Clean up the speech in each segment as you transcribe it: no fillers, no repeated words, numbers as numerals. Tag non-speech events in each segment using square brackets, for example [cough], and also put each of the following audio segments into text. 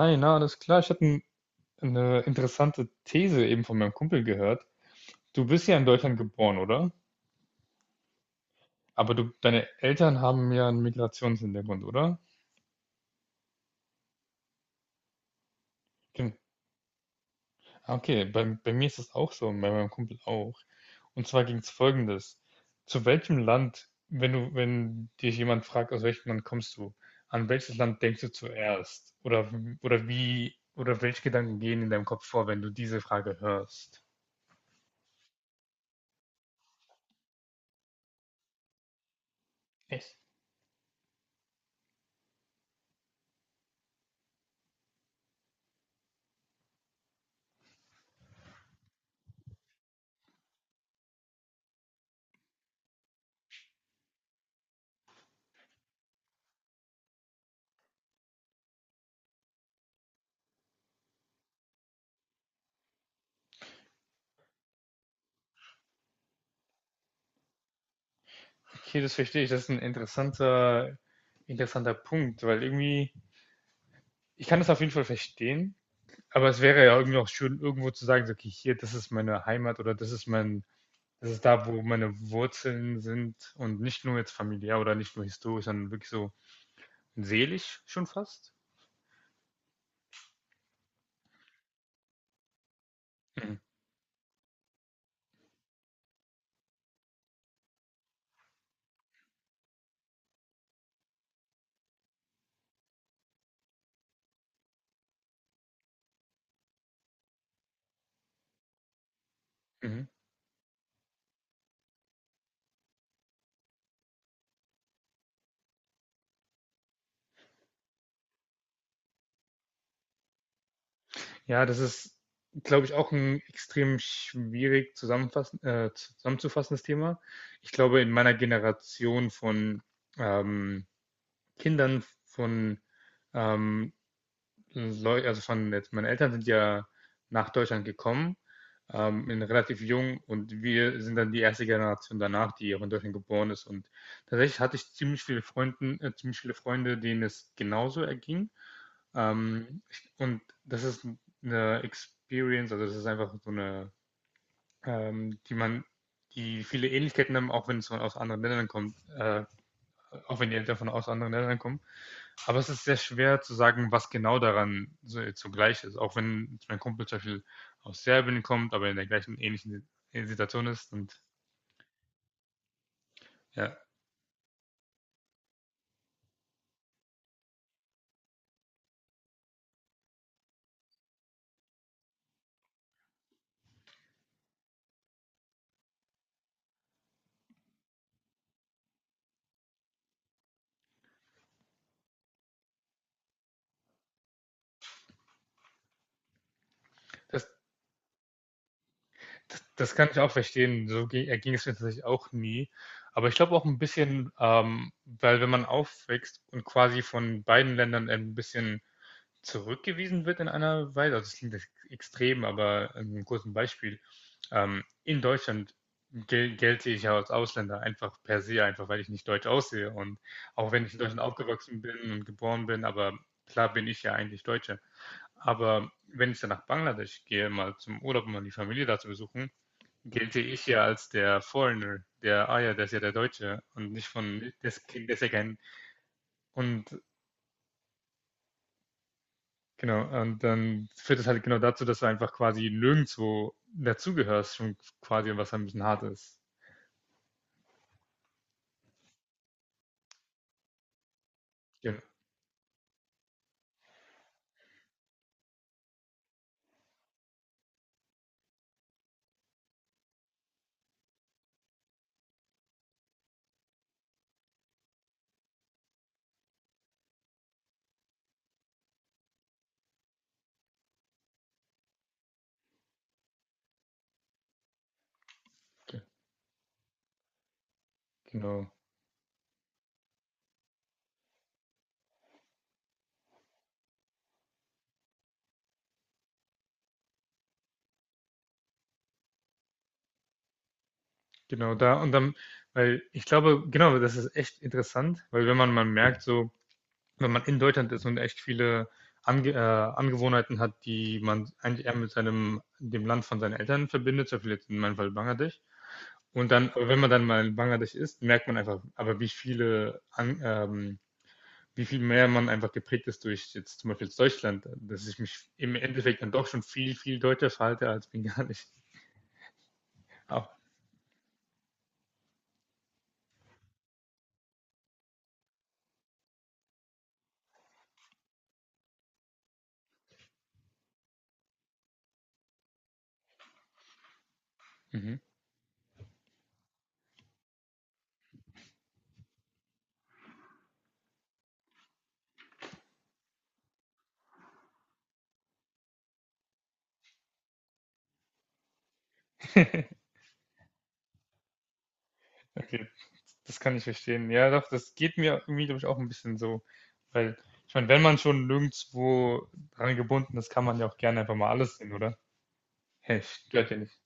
Hi, na, alles klar. Ich hatte eine interessante These eben von meinem Kumpel gehört. Du bist ja in Deutschland geboren, oder? Aber du, deine Eltern haben ja einen Migrationshintergrund, oder? Gen- Ah, okay, bei mir ist das auch so, und bei meinem Kumpel auch. Und zwar ging es folgendes. Zu welchem Land, wenn dich jemand fragt, aus welchem Land kommst du, an welches Land denkst du zuerst? Oder, oder welche Gedanken gehen in deinem Kopf vor, wenn du diese Frage hörst? Echt? Okay, das verstehe ich. Das ist ein interessanter Punkt, weil irgendwie, ich kann das auf jeden Fall verstehen, aber es wäre ja irgendwie auch schön, irgendwo zu sagen, so, okay, hier, das ist meine Heimat oder das ist mein, das ist da, wo meine Wurzeln sind und nicht nur jetzt familiär oder nicht nur historisch, sondern wirklich so seelisch schon fast. Mhm. Mhm. Ja, das ist, glaube ich, auch ein extrem zusammenzufassendes Thema. Ich glaube, in meiner Generation von ähm, Kindern von, ähm, Leu also von jetzt, meine Eltern sind ja nach Deutschland gekommen, in relativ jung, und wir sind dann die erste Generation danach, die auch in Deutschland geboren ist. Und tatsächlich hatte ich ziemlich viele Freunde, denen es genauso erging. Und das ist eine Experience, also das ist einfach so eine, ähm, die man, die viele Ähnlichkeiten haben, auch wenn es von aus anderen Ländern kommt, auch wenn die Eltern von aus anderen Ländern kommen. Aber es ist sehr schwer zu sagen, was genau daran so jetzt so gleich ist. Auch wenn mein Kumpel zum Beispiel aus Serbien kommt, aber in der gleichen ähnlichen Situation ist. Und ja, das, das kann ich auch verstehen. So ging es mir tatsächlich auch nie. Aber ich glaube auch ein bisschen, weil wenn man aufwächst und quasi von beiden Ländern ein bisschen zurückgewiesen wird in einer Weise, also das klingt jetzt extrem, aber ein kurzes Beispiel. In Deutschland gelte ich ja als Ausländer einfach per se, einfach weil ich nicht deutsch aussehe. Und auch wenn ich in Deutschland aufgewachsen bin und geboren bin, aber klar bin ich ja eigentlich Deutscher. Aber wenn ich dann nach Bangladesch gehe, mal zum Urlaub, um mal die Familie da zu besuchen, gelte ich ja als der Foreigner, der, ah ja, der ist ja der Deutsche und nicht von, das Kind, der ist ja kein, und genau, und dann führt es halt genau dazu, dass du einfach quasi nirgendwo dazugehörst, schon quasi, was ein bisschen hart ist. Gen- ge- Genau, genau da. Und dann, weil ich glaube, genau, das ist echt interessant, weil wenn man mal merkt, so, wenn man in Deutschland ist und echt viele Angewohnheiten hat, die man eigentlich eher mit seinem, dem Land von seinen Eltern verbindet, zum Beispiel jetzt in meinem Fall Bangladesch. Und dann, aber wenn man dann mal in Bangladesch ist, merkt man einfach, aber wie viel mehr man einfach geprägt ist durch jetzt zum Beispiel Deutschland, dass ich mich im Endeffekt dann doch schon viel deutscher verhalte als bengalisch. Aber, mhm. [laughs] Okay, das kann ich verstehen. Ja, doch, das geht mir irgendwie, glaube ich, auch ein bisschen so. Weil, ich meine, wenn man schon nirgendwo dran gebunden ist, kann man ja auch gerne einfach mal alles sehen, oder? Hey, stört ja nicht.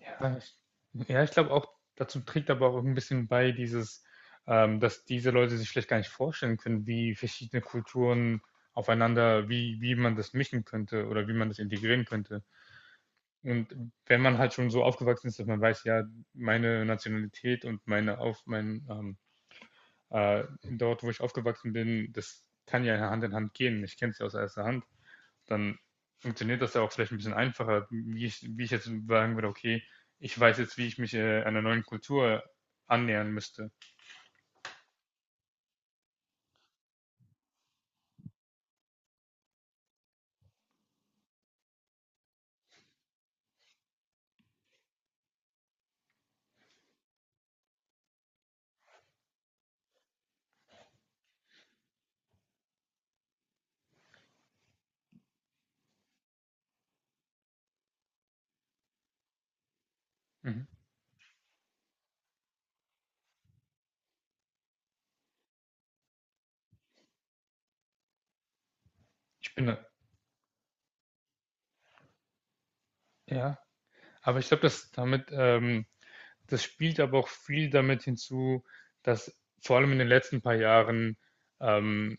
Ja, ich, ja, ich glaube auch, dazu trägt aber auch ein bisschen bei dieses, dass diese Leute sich vielleicht gar nicht vorstellen können, wie verschiedene Kulturen aufeinander, wie man das mischen könnte oder wie man das integrieren könnte. Und wenn man halt schon so aufgewachsen ist, dass man weiß, ja, meine Nationalität und meine auf mein dort, wo ich aufgewachsen bin, das kann ja Hand in Hand gehen. Ich kenne es ja aus erster Hand, dann funktioniert das ja auch vielleicht ein bisschen einfacher, wie ich jetzt sagen würde, okay, ich weiß jetzt, wie ich mich einer neuen Kultur annähern müsste. Mhm. Ich bin, da- ja, aber ich glaube, dass damit, das spielt aber auch viel damit hinzu, dass vor allem in den letzten paar Jahren ähm,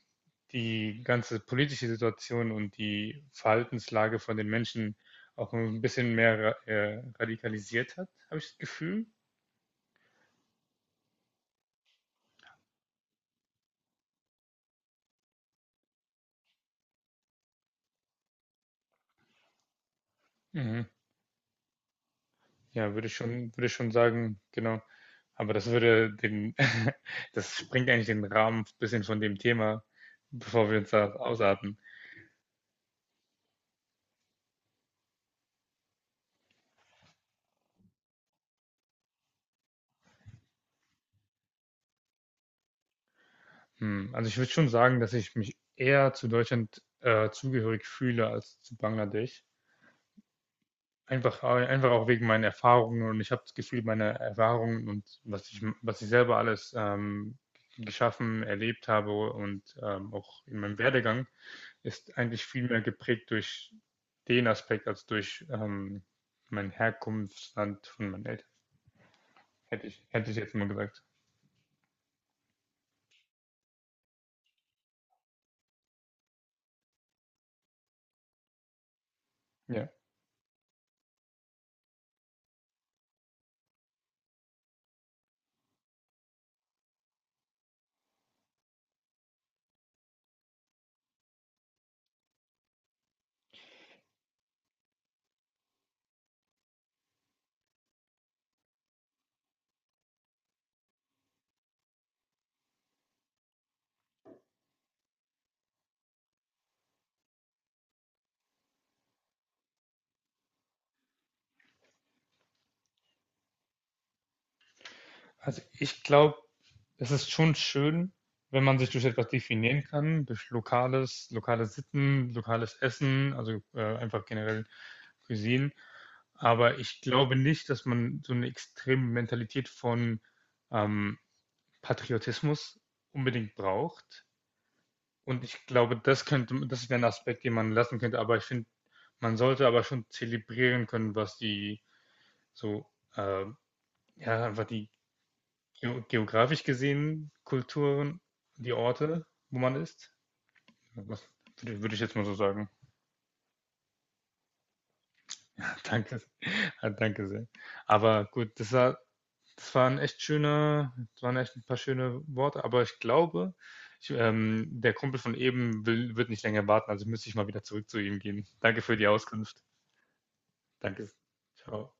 die ganze politische Situation und die Verhaltenslage von den Menschen auch ein bisschen mehr radikalisiert hat, habe ich das Gefühl. Mhm. Ja, würde ich schon sagen, genau. Aber das würde den [laughs] das sprengt eigentlich den Rahmen ein bisschen von dem Thema, bevor wir uns da ausarten. Hm, also, ich würde schon sagen, dass ich mich eher zu Deutschland, zugehörig fühle als zu Bangladesch. Einfach einfach auch wegen meinen Erfahrungen, und ich habe das Gefühl, meine Erfahrungen und was ich selber alles, geschaffen, erlebt habe und, auch in meinem Werdegang ist eigentlich viel mehr geprägt durch den Aspekt als durch mein Herkunftsland von meinen Eltern. Hätte ich jetzt mal gesagt. Ja. Also ich glaube, es ist schon schön, wenn man sich durch etwas definieren kann, durch lokale Sitten, lokales Essen, also einfach generell Cuisine. Aber ich glaube nicht, dass man so eine extreme Mentalität von ähm, Patriotismus unbedingt braucht. Und ich glaube, das wäre ein Aspekt, den man lassen könnte, aber ich finde, man sollte aber schon zelebrieren können, was die so, äh, ja, einfach die geografisch gesehen Kulturen, die Orte, wo man ist. Was, würde ich jetzt mal so sagen. [laughs] Danke, ah, danke sehr. Aber gut, das war, das waren echt schöne, das waren echt ein paar schöne Worte, aber ich glaube, der Kumpel von eben will, wird nicht länger warten, also müsste ich mal wieder zurück zu ihm gehen. Danke für die Auskunft. Danke. Ciao.